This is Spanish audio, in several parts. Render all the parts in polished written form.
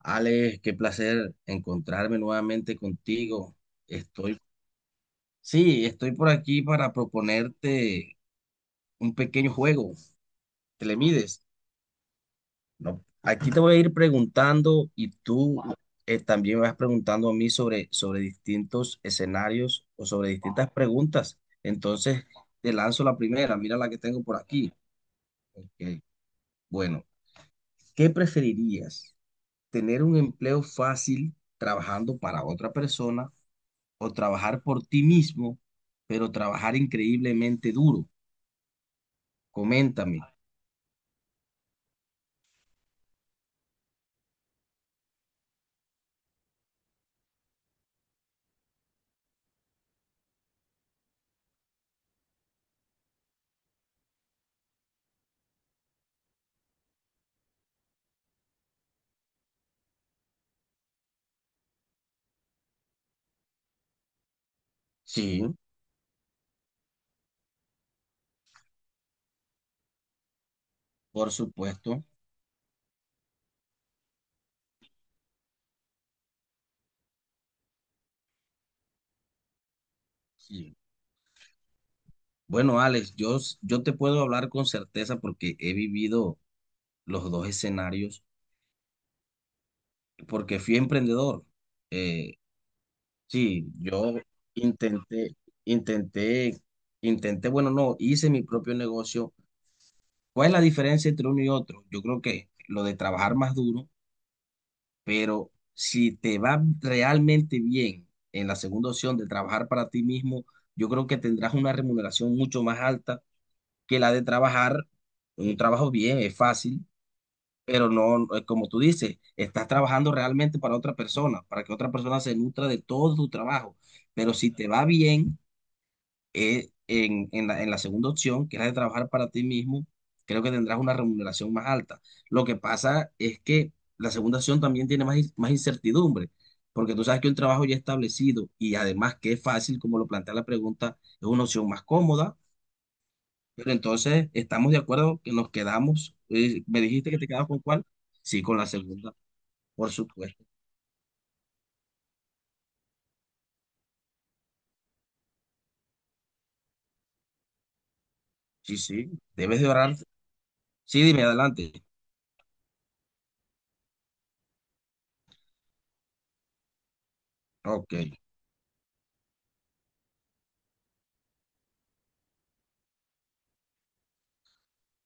Alex, qué placer encontrarme nuevamente contigo. Estoy, sí, estoy por aquí para proponerte un pequeño juego. ¿Te le mides? No, aquí te voy a ir preguntando y tú también me vas preguntando a mí sobre distintos escenarios o sobre distintas preguntas. Entonces, te lanzo la primera. Mira la que tengo por aquí. Ok, bueno, ¿qué preferirías? ¿Tener un empleo fácil trabajando para otra persona, o trabajar por ti mismo, pero trabajar increíblemente duro? Coméntame. Sí, por supuesto. Sí. Bueno, Alex, yo, yo te puedo hablar con certeza porque he vivido los dos escenarios, porque fui emprendedor. Eh, sí, yo intenté, intenté, bueno, no, hice mi propio negocio. ¿Cuál es la diferencia entre uno y otro? Yo creo que lo de trabajar más duro, pero si te va realmente bien en la segunda opción de trabajar para ti mismo, yo creo que tendrás una remuneración mucho más alta que la de trabajar en un trabajo bien, es fácil, pero no, como tú dices, estás trabajando realmente para otra persona, para que otra persona se nutra de todo tu trabajo, pero si te va bien en la segunda opción, que es la de trabajar para ti mismo, creo que tendrás una remuneración más alta. Lo que pasa es que la segunda opción también tiene más, más incertidumbre, porque tú sabes que un trabajo ya establecido y además que es fácil, como lo plantea la pregunta, es una opción más cómoda, pero entonces estamos de acuerdo que nos quedamos. ¿Me dijiste que te quedabas con cuál? Sí, con la segunda, por supuesto. Sí, sí, debes de orar. Sí, dime adelante. Ok,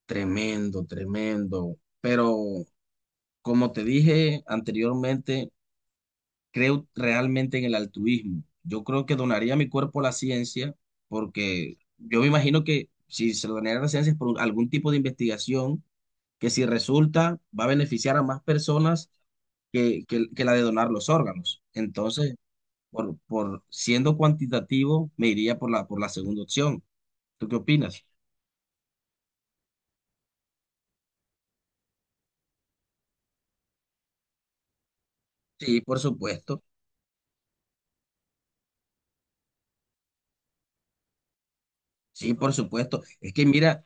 tremendo, tremendo. Pero como te dije anteriormente, creo realmente en el altruismo. Yo creo que donaría mi cuerpo a la ciencia porque yo me imagino que si se lo donaría a la ciencia es por algún tipo de investigación que si resulta va a beneficiar a más personas que la de donar los órganos. Entonces, por siendo cuantitativo, me iría por la segunda opción. ¿Tú qué opinas? Sí, por supuesto. Sí, por supuesto. Es que mira,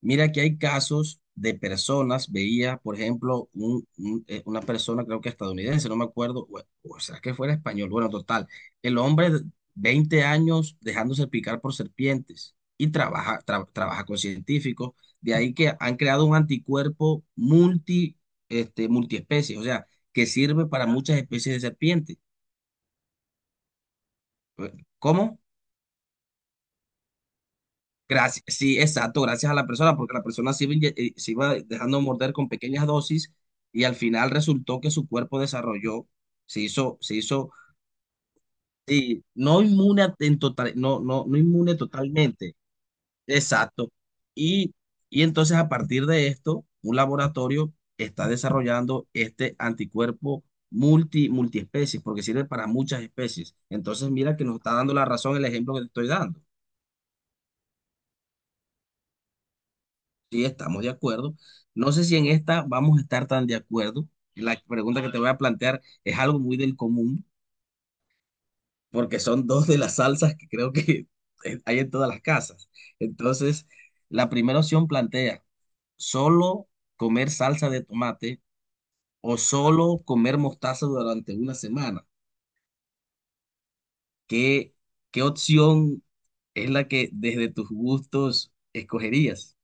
mira que hay casos de personas, veía, por ejemplo, una persona, creo que estadounidense, no me acuerdo, o sea, que fuera español, bueno, total, el hombre, de 20 años dejándose picar por serpientes y trabaja con científicos, de ahí que han creado un anticuerpo multi, este, multiespecie, o sea, que sirve para muchas especies de serpientes. Pues, ¿cómo? Gracias, sí, exacto, gracias a la persona, porque la persona se iba, se iba dejando morder con pequeñas dosis y al final resultó que su cuerpo desarrolló, se hizo, se hizo, sí, no inmune en total, no inmune totalmente, exacto. Y, y entonces a partir de esto, un laboratorio está desarrollando este anticuerpo multiespecies, porque sirve para muchas especies. Entonces mira que nos está dando la razón el ejemplo que te estoy dando. Sí, estamos de acuerdo. No sé si en esta vamos a estar tan de acuerdo. La pregunta que te voy a plantear es algo muy del común, porque son dos de las salsas que creo que hay en todas las casas. Entonces, la primera opción plantea, ¿solo comer salsa de tomate o solo comer mostaza durante 1 semana? ¿Qué, qué opción es la que desde tus gustos escogerías?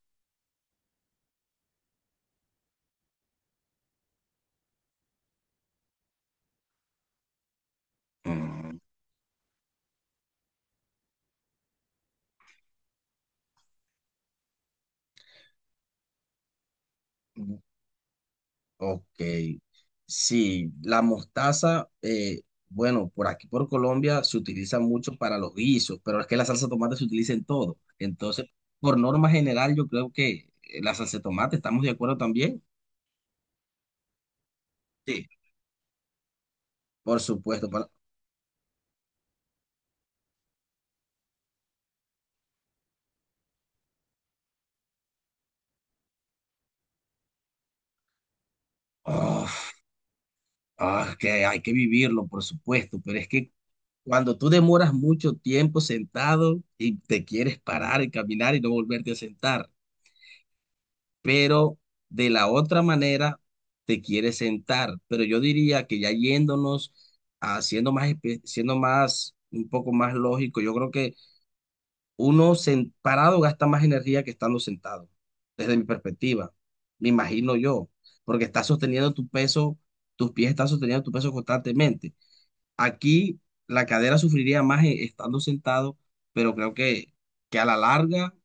Mm, ok, sí, la mostaza, bueno, por aquí por Colombia se utiliza mucho para los guisos, pero es que la salsa de tomate se utiliza en todo. Entonces, por norma general, yo creo que la salsa de tomate, ¿estamos de acuerdo también? Sí. Por supuesto, para... Oh, ah, que hay que vivirlo, por supuesto, pero es que cuando tú demoras mucho tiempo sentado y te quieres parar y caminar y no volverte a sentar. Pero de la otra manera te quiere sentar. Pero yo diría que ya yéndonos, siendo más, siendo más, un poco más lógico, yo creo que parado gasta más energía que estando sentado, desde mi perspectiva, me imagino yo, porque estás sosteniendo tu peso, tus pies están sosteniendo tu peso constantemente. Aquí la cadera sufriría más estando sentado, pero creo que a la larga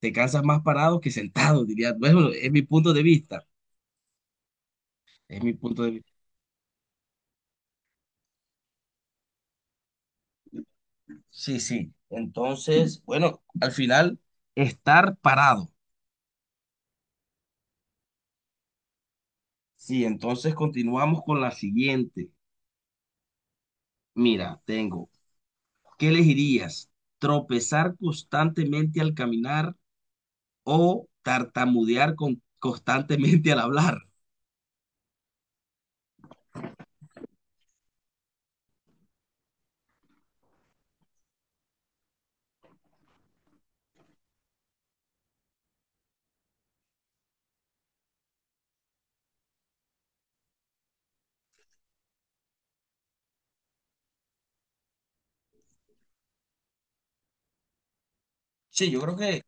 te cansas más parado que sentado, diría. Pues, bueno, es mi punto de vista. Es mi punto de vista. Sí, sí. Entonces, bueno, al final, estar parado. Sí, entonces continuamos con la siguiente. Mira, tengo, ¿qué elegirías? ¿Tropezar constantemente al caminar o tartamudear constantemente al hablar? Sí, yo creo que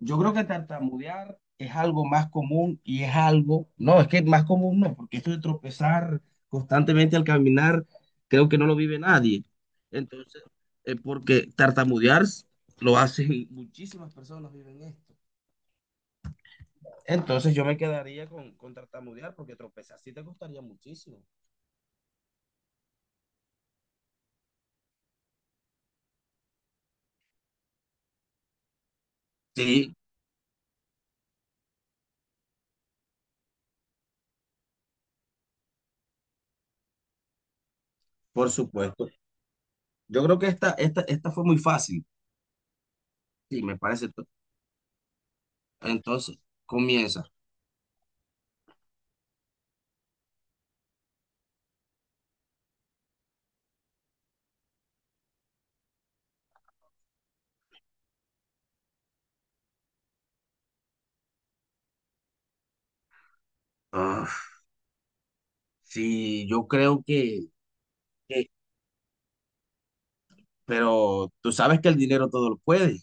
yo creo que tartamudear es algo más común y es algo, no, es que más común no, porque esto de tropezar constantemente al caminar, creo que no lo vive nadie. Entonces, porque tartamudear lo hacen muchísimas personas viven esto. Entonces yo me quedaría con tartamudear porque tropezar sí te costaría muchísimo. Sí, por supuesto. Yo creo que esta fue muy fácil. Sí, me parece. Entonces, comienza. Ah, sí, yo creo que pero tú sabes que el dinero todo lo puede.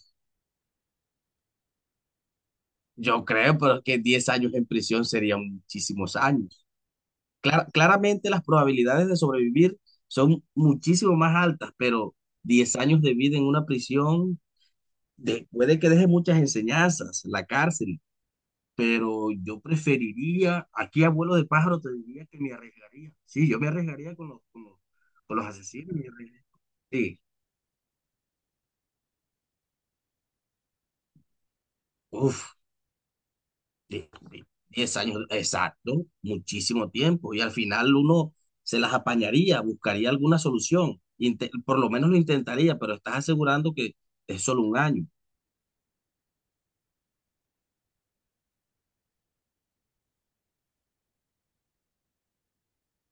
Yo creo, pero es que 10 años en prisión serían muchísimos años. Clara claramente las probabilidades de sobrevivir son muchísimo más altas, pero 10 años de vida en una prisión puede que deje muchas enseñanzas, la cárcel, pero yo preferiría, aquí abuelo de pájaro te diría que me arriesgaría. Sí, yo me arriesgaría con los asesinos. Me arriesgaría. Sí, uff. De 10 años, exacto, muchísimo tiempo. Y al final uno se las apañaría, buscaría alguna solución, por lo menos lo intentaría, pero estás asegurando que es solo 1 año.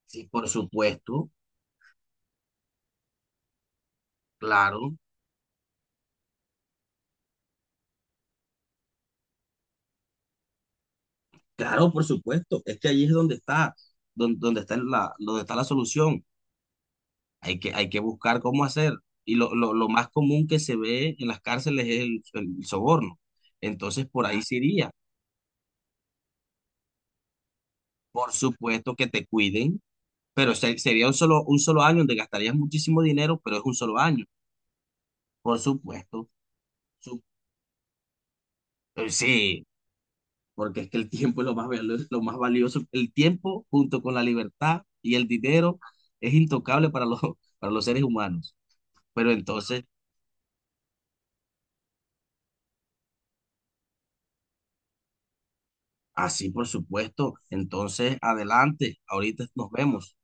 Sí, por supuesto, claro, claro, por supuesto. Es que ahí es donde está, está donde está la solución. Hay que buscar cómo hacer. Y lo más común que se ve en las cárceles es el soborno. Entonces, por ahí se iría. Por supuesto que te cuiden, pero sería un solo año donde gastarías muchísimo dinero, pero es un solo año, por supuesto. Su- sí, porque es que el tiempo es lo más, lo más valioso. El tiempo junto con la libertad y el dinero es intocable para para los seres humanos. Pero entonces, así por supuesto. Entonces, adelante, ahorita nos vemos.